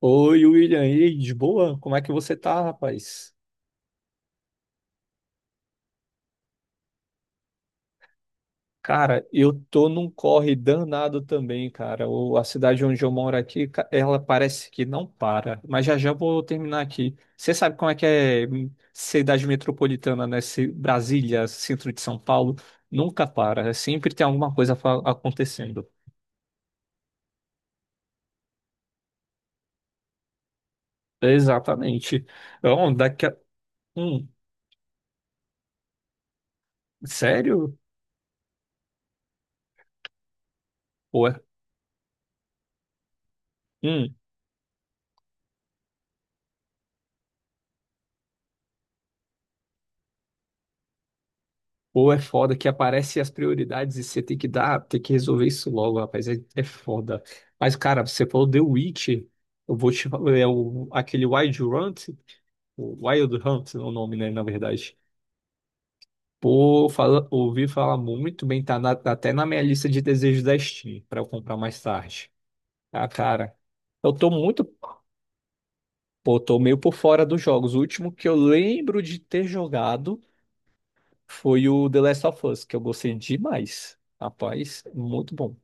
Oi, William, e aí, de boa? Como é que você tá, rapaz? Cara, eu tô num corre danado também, cara. A cidade onde eu moro aqui, ela parece que não para. Mas já já vou terminar aqui. Você sabe como é que é cidade metropolitana, né? Brasília, centro de São Paulo, nunca para. É sempre tem alguma coisa acontecendo. Exatamente. Então, daqui a... Hum, sério? Ué. Ou é foda que aparece as prioridades e você tem que tem que resolver isso logo, rapaz. É, é foda. Mas, cara, você falou The Witch. Eu vou te falar, é aquele Wild Hunt, o Wild Hunt é o nome, né, na verdade. Pô, fala, ouvi falar muito bem, tá até na minha lista de desejos da Steam, pra eu comprar mais tarde. Ah, cara, eu tô muito, pô, tô meio por fora dos jogos. O último que eu lembro de ter jogado foi o The Last of Us, que eu gostei demais. Rapaz, muito bom.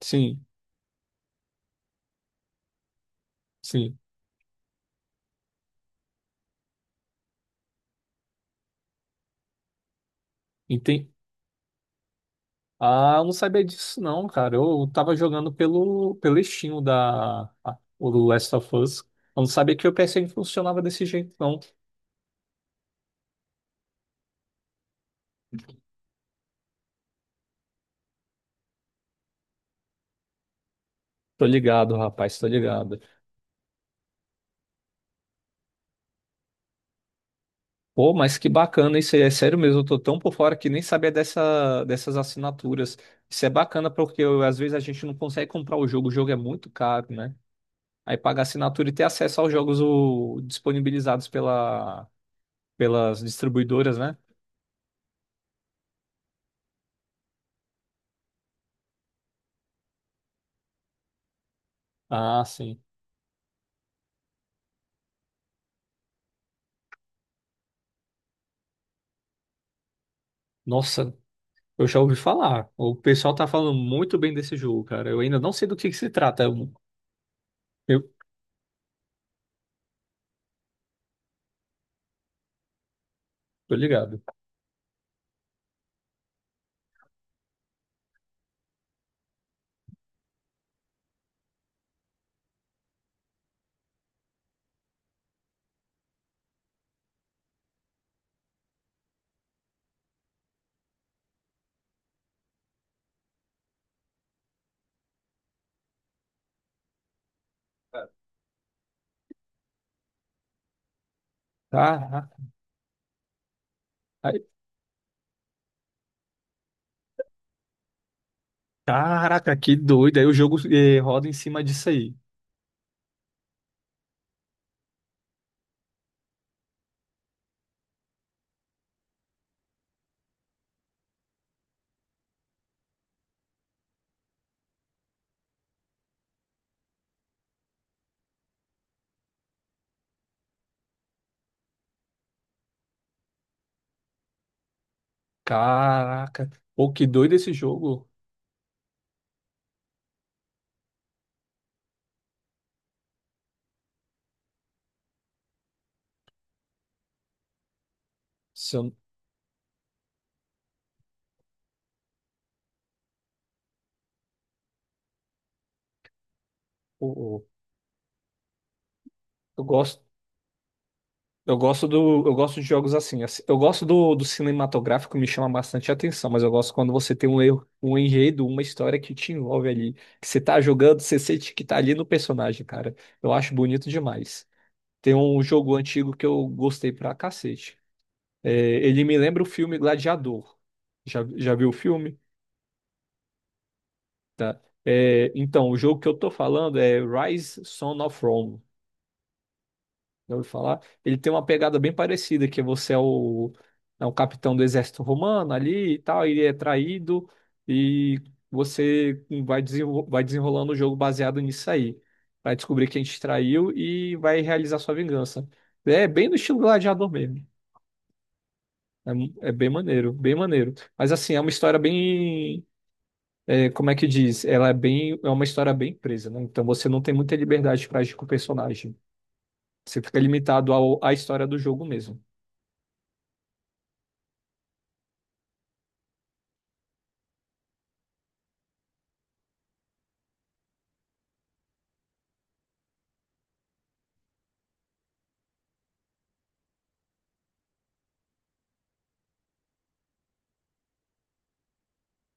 Sim, sim. Entendi. Ah, eu não sabia disso não, cara. Eu tava jogando pelo Steam o o do Last of Us. Eu não sabia que o PSN funcionava desse jeito, não. Tô ligado, rapaz, tô ligado. Pô, mas que bacana isso aí. É sério mesmo, eu tô tão por fora que nem sabia dessas assinaturas. Isso é bacana porque às vezes a gente não consegue comprar o jogo é muito caro, né? Aí pagar assinatura e ter acesso aos jogos disponibilizados pela, pelas distribuidoras, né? Ah, sim. Nossa, eu já ouvi falar. O pessoal tá falando muito bem desse jogo, cara. Eu ainda não sei do que se trata. Eu tô ligado. Caraca, ai, caraca, que doido. Aí o jogo roda em cima disso aí. Caraca. Pô, que doido esse jogo. Se Eu, pô, eu gosto, eu gosto do, eu gosto de jogos assim. Assim, eu gosto do, do cinematográfico, me chama bastante atenção, mas eu gosto quando você tem um enredo, uma história que te envolve ali. Que você tá jogando, você sente que tá ali no personagem, cara. Eu acho bonito demais. Tem um jogo antigo que eu gostei pra cacete. É, ele me lembra o filme Gladiador. Já, já viu o filme? Tá. É, então, o jogo que eu tô falando é Rise, Son of Rome. Já ouviu falar? Ele tem uma pegada bem parecida, que você é é o capitão do exército romano ali e tal, ele é traído e você vai, vai desenrolando o jogo baseado nisso aí. Vai descobrir quem te traiu e vai realizar sua vingança. É bem no estilo Gladiador mesmo. É, é bem maneiro, bem maneiro. Mas assim, é uma história bem. É, como é que diz? Ela é bem. É uma história bem presa, né? Então você não tem muita liberdade para agir com o personagem. Você fica limitado à história do jogo mesmo.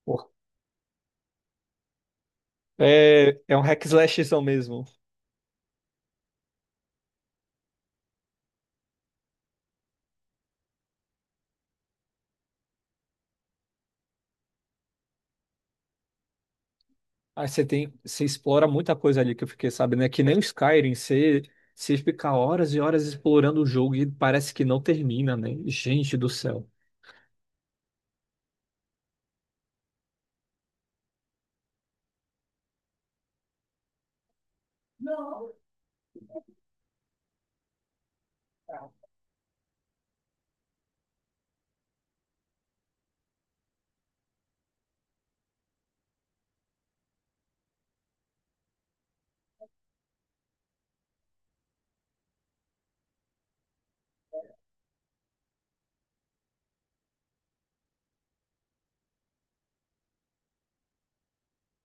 Pô, é, é um hack slashzão mesmo. Aí você tem. Você explora muita coisa ali que eu fiquei sabendo. É que nem o Skyrim, você fica horas e horas explorando o jogo e parece que não termina, né? Gente do céu.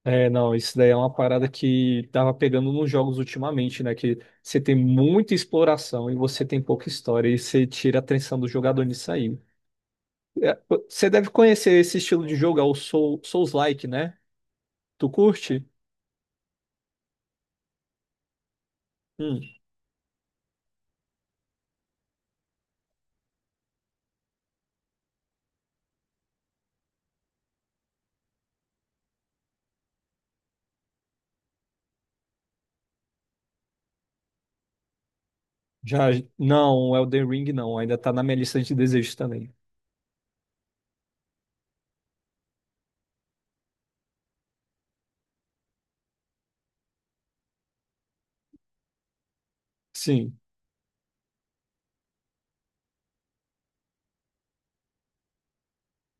É, não, isso daí é uma parada que tava pegando nos jogos ultimamente, né? Que você tem muita exploração e você tem pouca história e você tira a atenção do jogador nisso aí. É, pô, você deve conhecer esse estilo de jogo, é o Souls-like, né? Tu curte? Hum, já, não, Elden Ring não, ainda tá na minha lista de desejos também. Sim.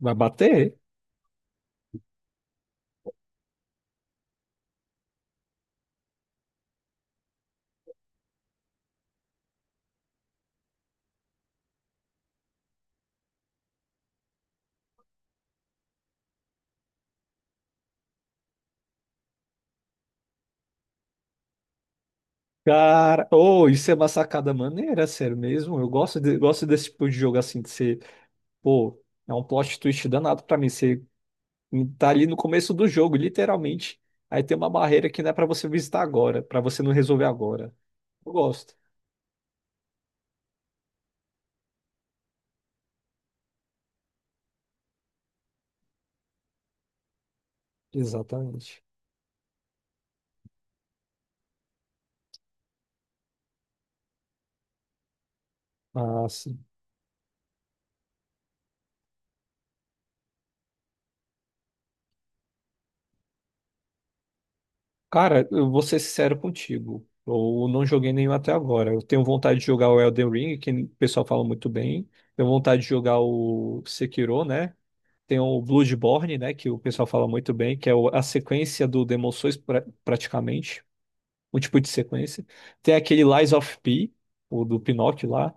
Vai bater? Cara, oh, isso é uma sacada maneira, sério mesmo. Eu gosto, gosto desse tipo de jogo assim, de ser, pô, é um plot twist danado pra mim. Você tá ali no começo do jogo, literalmente. Aí tem uma barreira que não é pra você visitar agora, pra você não resolver agora. Eu gosto. Exatamente. Ah, sim. Cara, eu vou ser sincero contigo. Eu não joguei nenhum até agora. Eu tenho vontade de jogar o Elden Ring, que o pessoal fala muito bem. Tenho vontade de jogar o Sekiro, né? Tem o Bloodborne, né? Que o pessoal fala muito bem, que é a sequência do Demon Souls, praticamente. Um tipo de sequência. Tem aquele Lies of P, o do Pinóquio lá.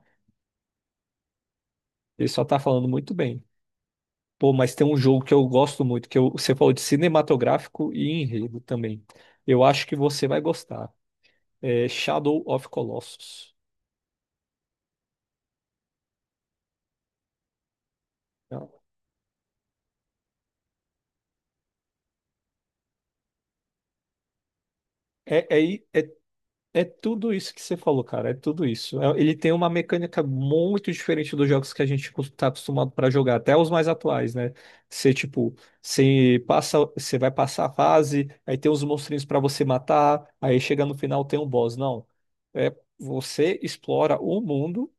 Ele só tá falando muito bem. Pô, mas tem um jogo que eu gosto muito, que você falou de cinematográfico e enredo também. Eu acho que você vai gostar. É Shadow of Colossus. É, é tudo isso que você falou, cara. É tudo isso. É- ele tem uma mecânica muito diferente dos jogos que a gente está acostumado para jogar, até os mais atuais, né? Você, tipo, você vai passar a fase, aí tem os monstrinhos para você matar, aí chega no final tem um boss. Não. É, você explora o mundo.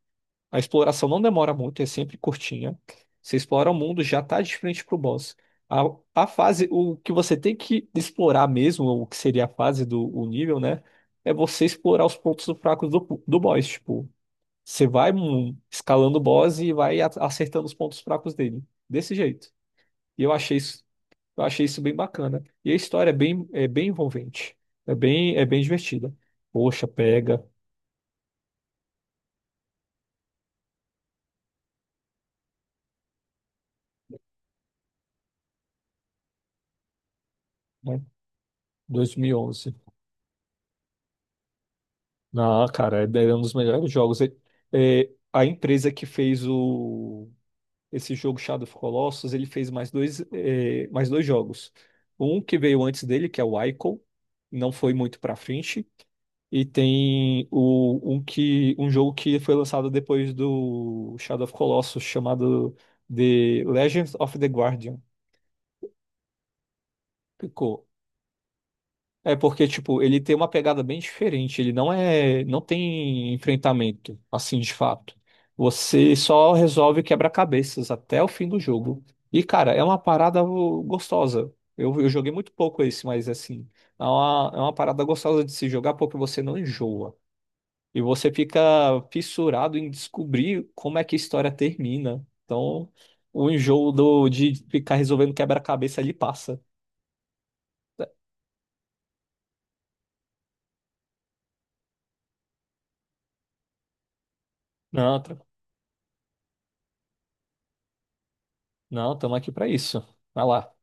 A exploração não demora muito, é sempre curtinha. Você explora o mundo, já tá de frente pro boss. A, a fase, o que você tem que explorar mesmo, o que seria a fase do o nível, né? É você explorar os pontos fracos do, do boss. Tipo, você vai escalando o boss e vai acertando os pontos fracos dele. Desse jeito. E eu achei isso, eu achei isso bem bacana. E a história é bem envolvente. É bem divertida. Poxa, pega, né? 2011. Não, cara, é um dos melhores jogos. É- é, a empresa que fez esse jogo Shadow of Colossus, ele fez mais dois, é, mais dois jogos. Um que veio antes dele, que é o Ico, não foi muito pra frente. E tem um jogo que foi lançado depois do Shadow of Colossus, chamado The Legends of the Guardian. Ficou é porque, tipo, ele tem uma pegada bem diferente. Ele não é, não tem enfrentamento, assim, de fato. Você só resolve quebra-cabeças até o fim do jogo. E, cara, é uma parada gostosa. Eu joguei muito pouco esse, mas, assim, é é uma parada gostosa de se jogar porque você não enjoa. E você fica fissurado em descobrir como é que a história termina. Então, o enjoo do, de ficar resolvendo quebra-cabeça ali passa. Não, não, estamos aqui para isso. Vai lá.